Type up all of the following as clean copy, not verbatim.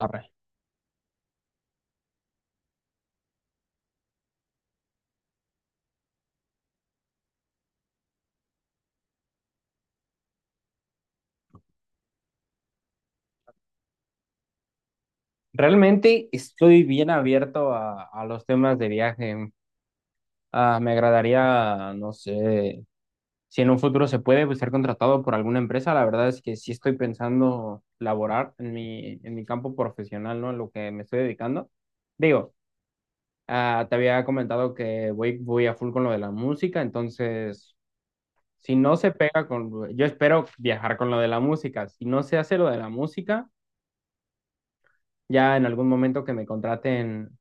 Arre. Realmente estoy bien abierto a los temas de viaje. Me agradaría, no sé, si en un futuro se puede pues, ser contratado por alguna empresa. La verdad es que sí estoy pensando laborar en mi campo profesional, ¿no? En lo que me estoy dedicando. Digo, te había comentado que voy a full con lo de la música, entonces, si no se pega con, yo espero viajar con lo de la música. Si no se hace lo de la música, ya en algún momento que me contraten.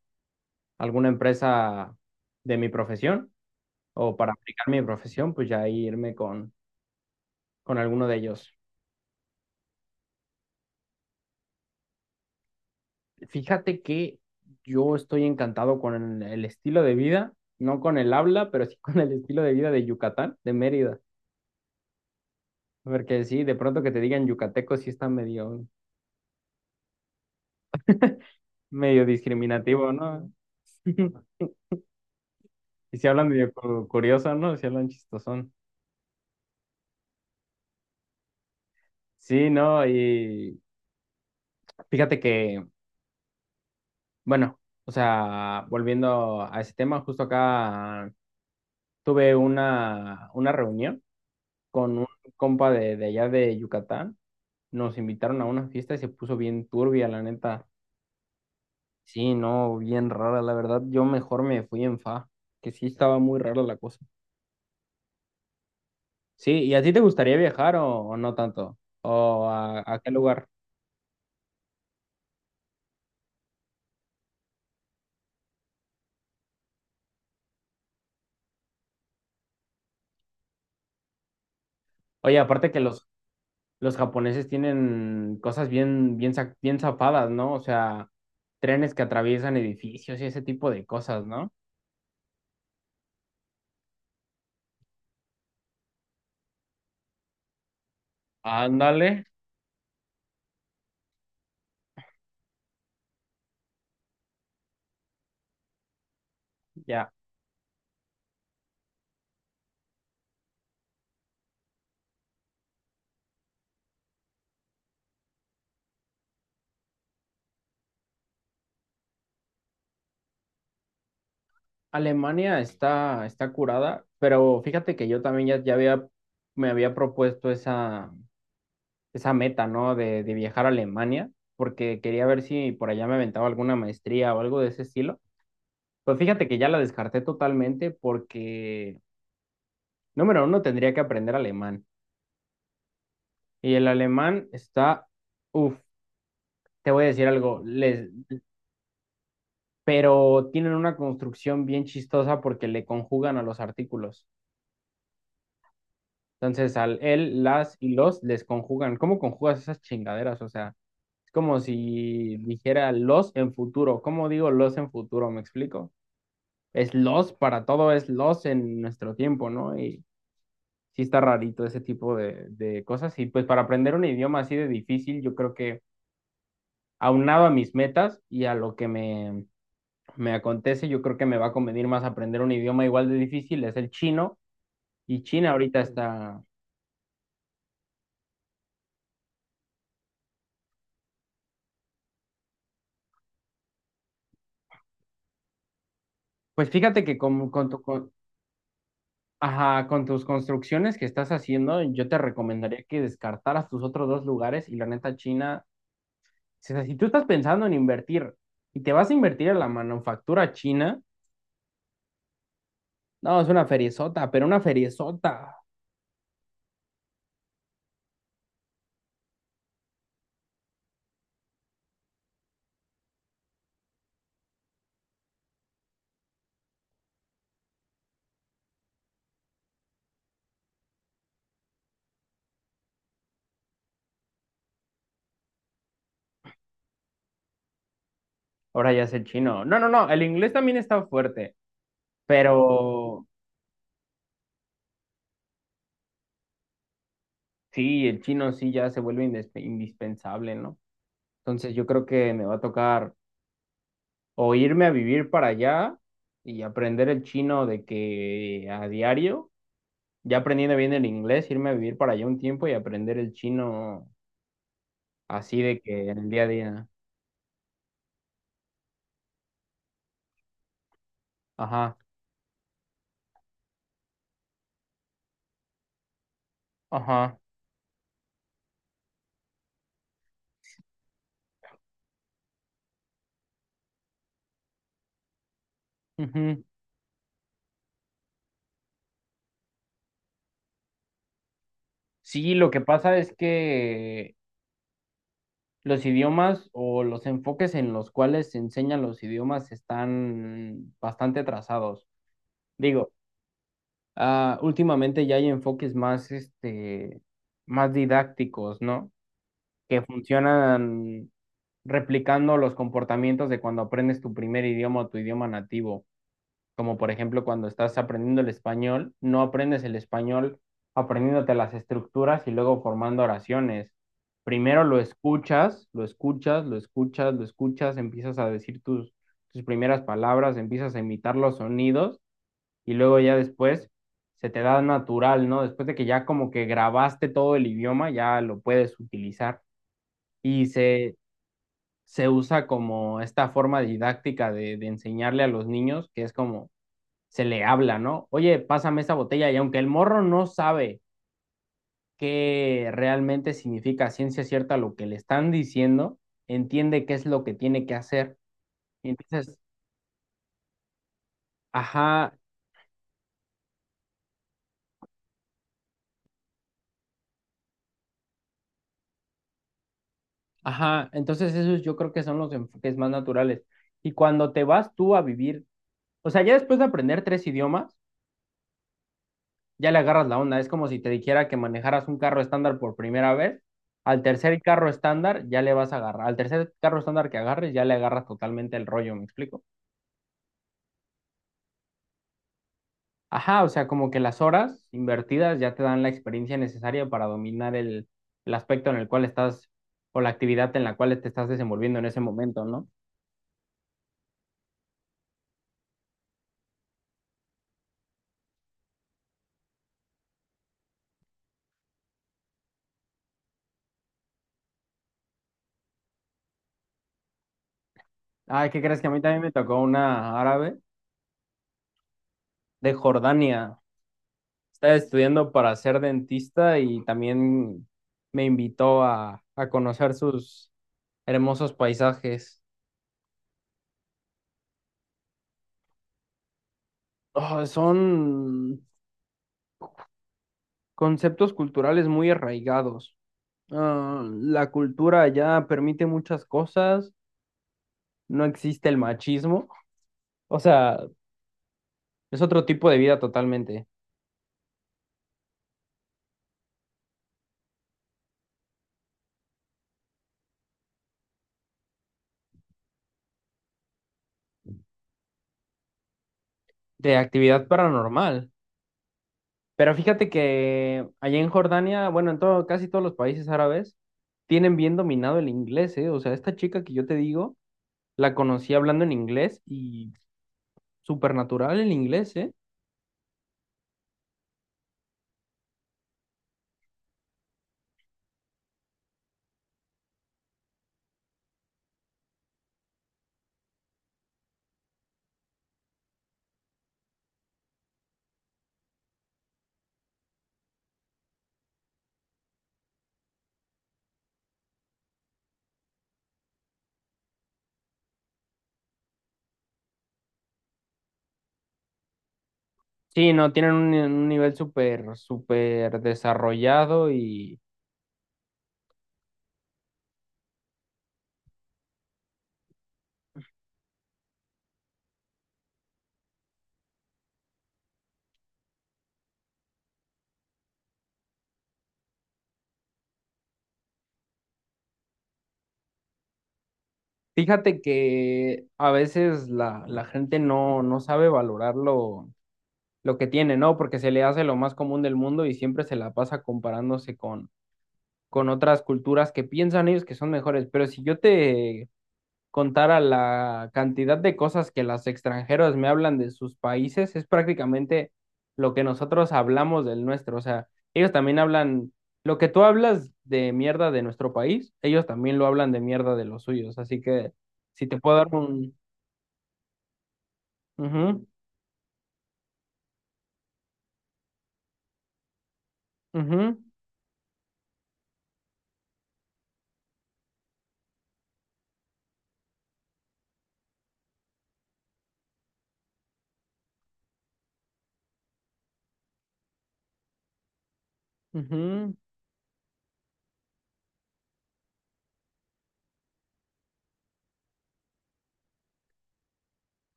Alguna empresa de mi profesión o para aplicar mi profesión, pues ya irme con alguno de ellos. Fíjate que yo estoy encantado con el estilo de vida, no con el habla, pero sí con el estilo de vida de Yucatán, de Mérida. Porque sí, de pronto que te digan yucateco sí está medio, medio discriminativo, ¿no? Y si hablan medio curioso, ¿no? Si hablan chistosón. Sí, ¿no? Y fíjate que, bueno, o sea, volviendo a ese tema, justo acá tuve una reunión con un compa de allá de Yucatán. Nos invitaron a una fiesta y se puso bien turbia, la neta. Sí, no, bien rara, la verdad. Yo mejor me fui en fa, que sí estaba muy rara la cosa. Sí, ¿y a ti te gustaría viajar o no tanto? ¿O a qué lugar? Oye, aparte que los japoneses tienen cosas bien, bien, bien zafadas, ¿no? O sea, trenes que atraviesan edificios y ese tipo de cosas, ¿no? Ándale, ya. Alemania está, está curada, pero fíjate que yo también ya había, me había propuesto esa, esa meta, ¿no? De viajar a Alemania, porque quería ver si por allá me aventaba alguna maestría o algo de ese estilo. Pues fíjate que ya la descarté totalmente porque, número uno, tendría que aprender alemán. Y el alemán está, uff, te voy a decir algo, les, pero tienen una construcción bien chistosa porque le conjugan a los artículos. Entonces, al él, las y los les conjugan. ¿Cómo conjugas esas chingaderas? O sea, es como si dijera los en futuro. ¿Cómo digo los en futuro? ¿Me explico? Es los para todo, es los en nuestro tiempo, ¿no? Y sí está rarito ese tipo de cosas. Y pues para aprender un idioma así de difícil, yo creo que aunado a mis metas y a lo que me acontece, yo creo que me va a convenir más aprender un idioma igual de difícil, es el chino. Y China ahorita está... Pues fíjate que ajá, con tus construcciones que estás haciendo, yo te recomendaría que descartaras tus otros dos lugares y la neta China, o sea, si tú estás pensando en invertir y te vas a invertir en la manufactura china, no, es una feriezota, pero una feriezota. Ahora ya es el chino. No, no, no, el inglés también está fuerte, pero sí, el chino sí ya se vuelve indispensable, ¿no? Entonces yo creo que me va a tocar o irme a vivir para allá y aprender el chino de que a diario ya aprendiendo bien el inglés, irme a vivir para allá un tiempo y aprender el chino así de que en el día a día. Ajá, ajá. Ujú. Sí, lo que pasa es que los idiomas o los enfoques en los cuales se enseñan los idiomas están bastante atrasados. Digo, últimamente ya hay enfoques más, este, más didácticos, ¿no? Que funcionan replicando los comportamientos de cuando aprendes tu primer idioma o tu idioma nativo. Como por ejemplo cuando estás aprendiendo el español, no aprendes el español aprendiéndote las estructuras y luego formando oraciones. Primero lo escuchas, lo escuchas, lo escuchas, lo escuchas, empiezas a decir tus, tus primeras palabras, empiezas a imitar los sonidos y luego ya después se te da natural, ¿no? Después de que ya como que grabaste todo el idioma, ya lo puedes utilizar y se usa como esta forma didáctica de enseñarle a los niños, que es como se le habla, ¿no? Oye, pásame esta botella y aunque el morro no sabe qué realmente significa ciencia cierta lo que le están diciendo, entiende qué es lo que tiene que hacer. Y entonces, ajá, ajá, entonces esos yo creo que son los enfoques más naturales. Y cuando te vas tú a vivir, o sea, ya después de aprender tres idiomas, ya le agarras la onda. Es como si te dijera que manejaras un carro estándar por primera vez. Al tercer carro estándar ya le vas a agarrar. Al tercer carro estándar que agarres ya le agarras totalmente el rollo, ¿me explico? Ajá, o sea, como que las horas invertidas ya te dan la experiencia necesaria para dominar el aspecto en el cual estás o la actividad en la cual te estás desenvolviendo en ese momento, ¿no? ¿Ah, qué crees que a mí también me tocó una árabe de Jordania? Estaba estudiando para ser dentista y también me invitó a conocer sus hermosos paisajes. Oh, son conceptos culturales muy arraigados. Ah, la cultura ya permite muchas cosas, no existe el machismo. O sea, es otro tipo de vida totalmente, de actividad paranormal. Pero fíjate que allá en Jordania, bueno, en todo, casi todos los países árabes, tienen bien dominado el inglés, ¿eh? O sea, esta chica que yo te digo, la conocí hablando en inglés y súper natural el inglés, ¿eh? Sí, no, tienen un nivel súper, súper desarrollado y fíjate que a veces la gente no sabe valorarlo lo que tiene, ¿no? Porque se le hace lo más común del mundo y siempre se la pasa comparándose con otras culturas que piensan ellos que son mejores. Pero si yo te contara la cantidad de cosas que las extranjeras me hablan de sus países, es prácticamente lo que nosotros hablamos del nuestro. O sea, ellos también hablan, lo que tú hablas de mierda de nuestro país, ellos también lo hablan de mierda de los suyos. Así que si te puedo dar un... Ujú, ujú,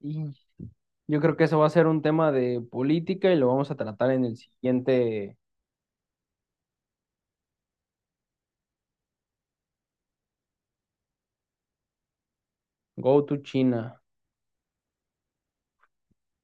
ujú. Yo creo que eso va a ser un tema de política y lo vamos a tratar en el siguiente. Go to China.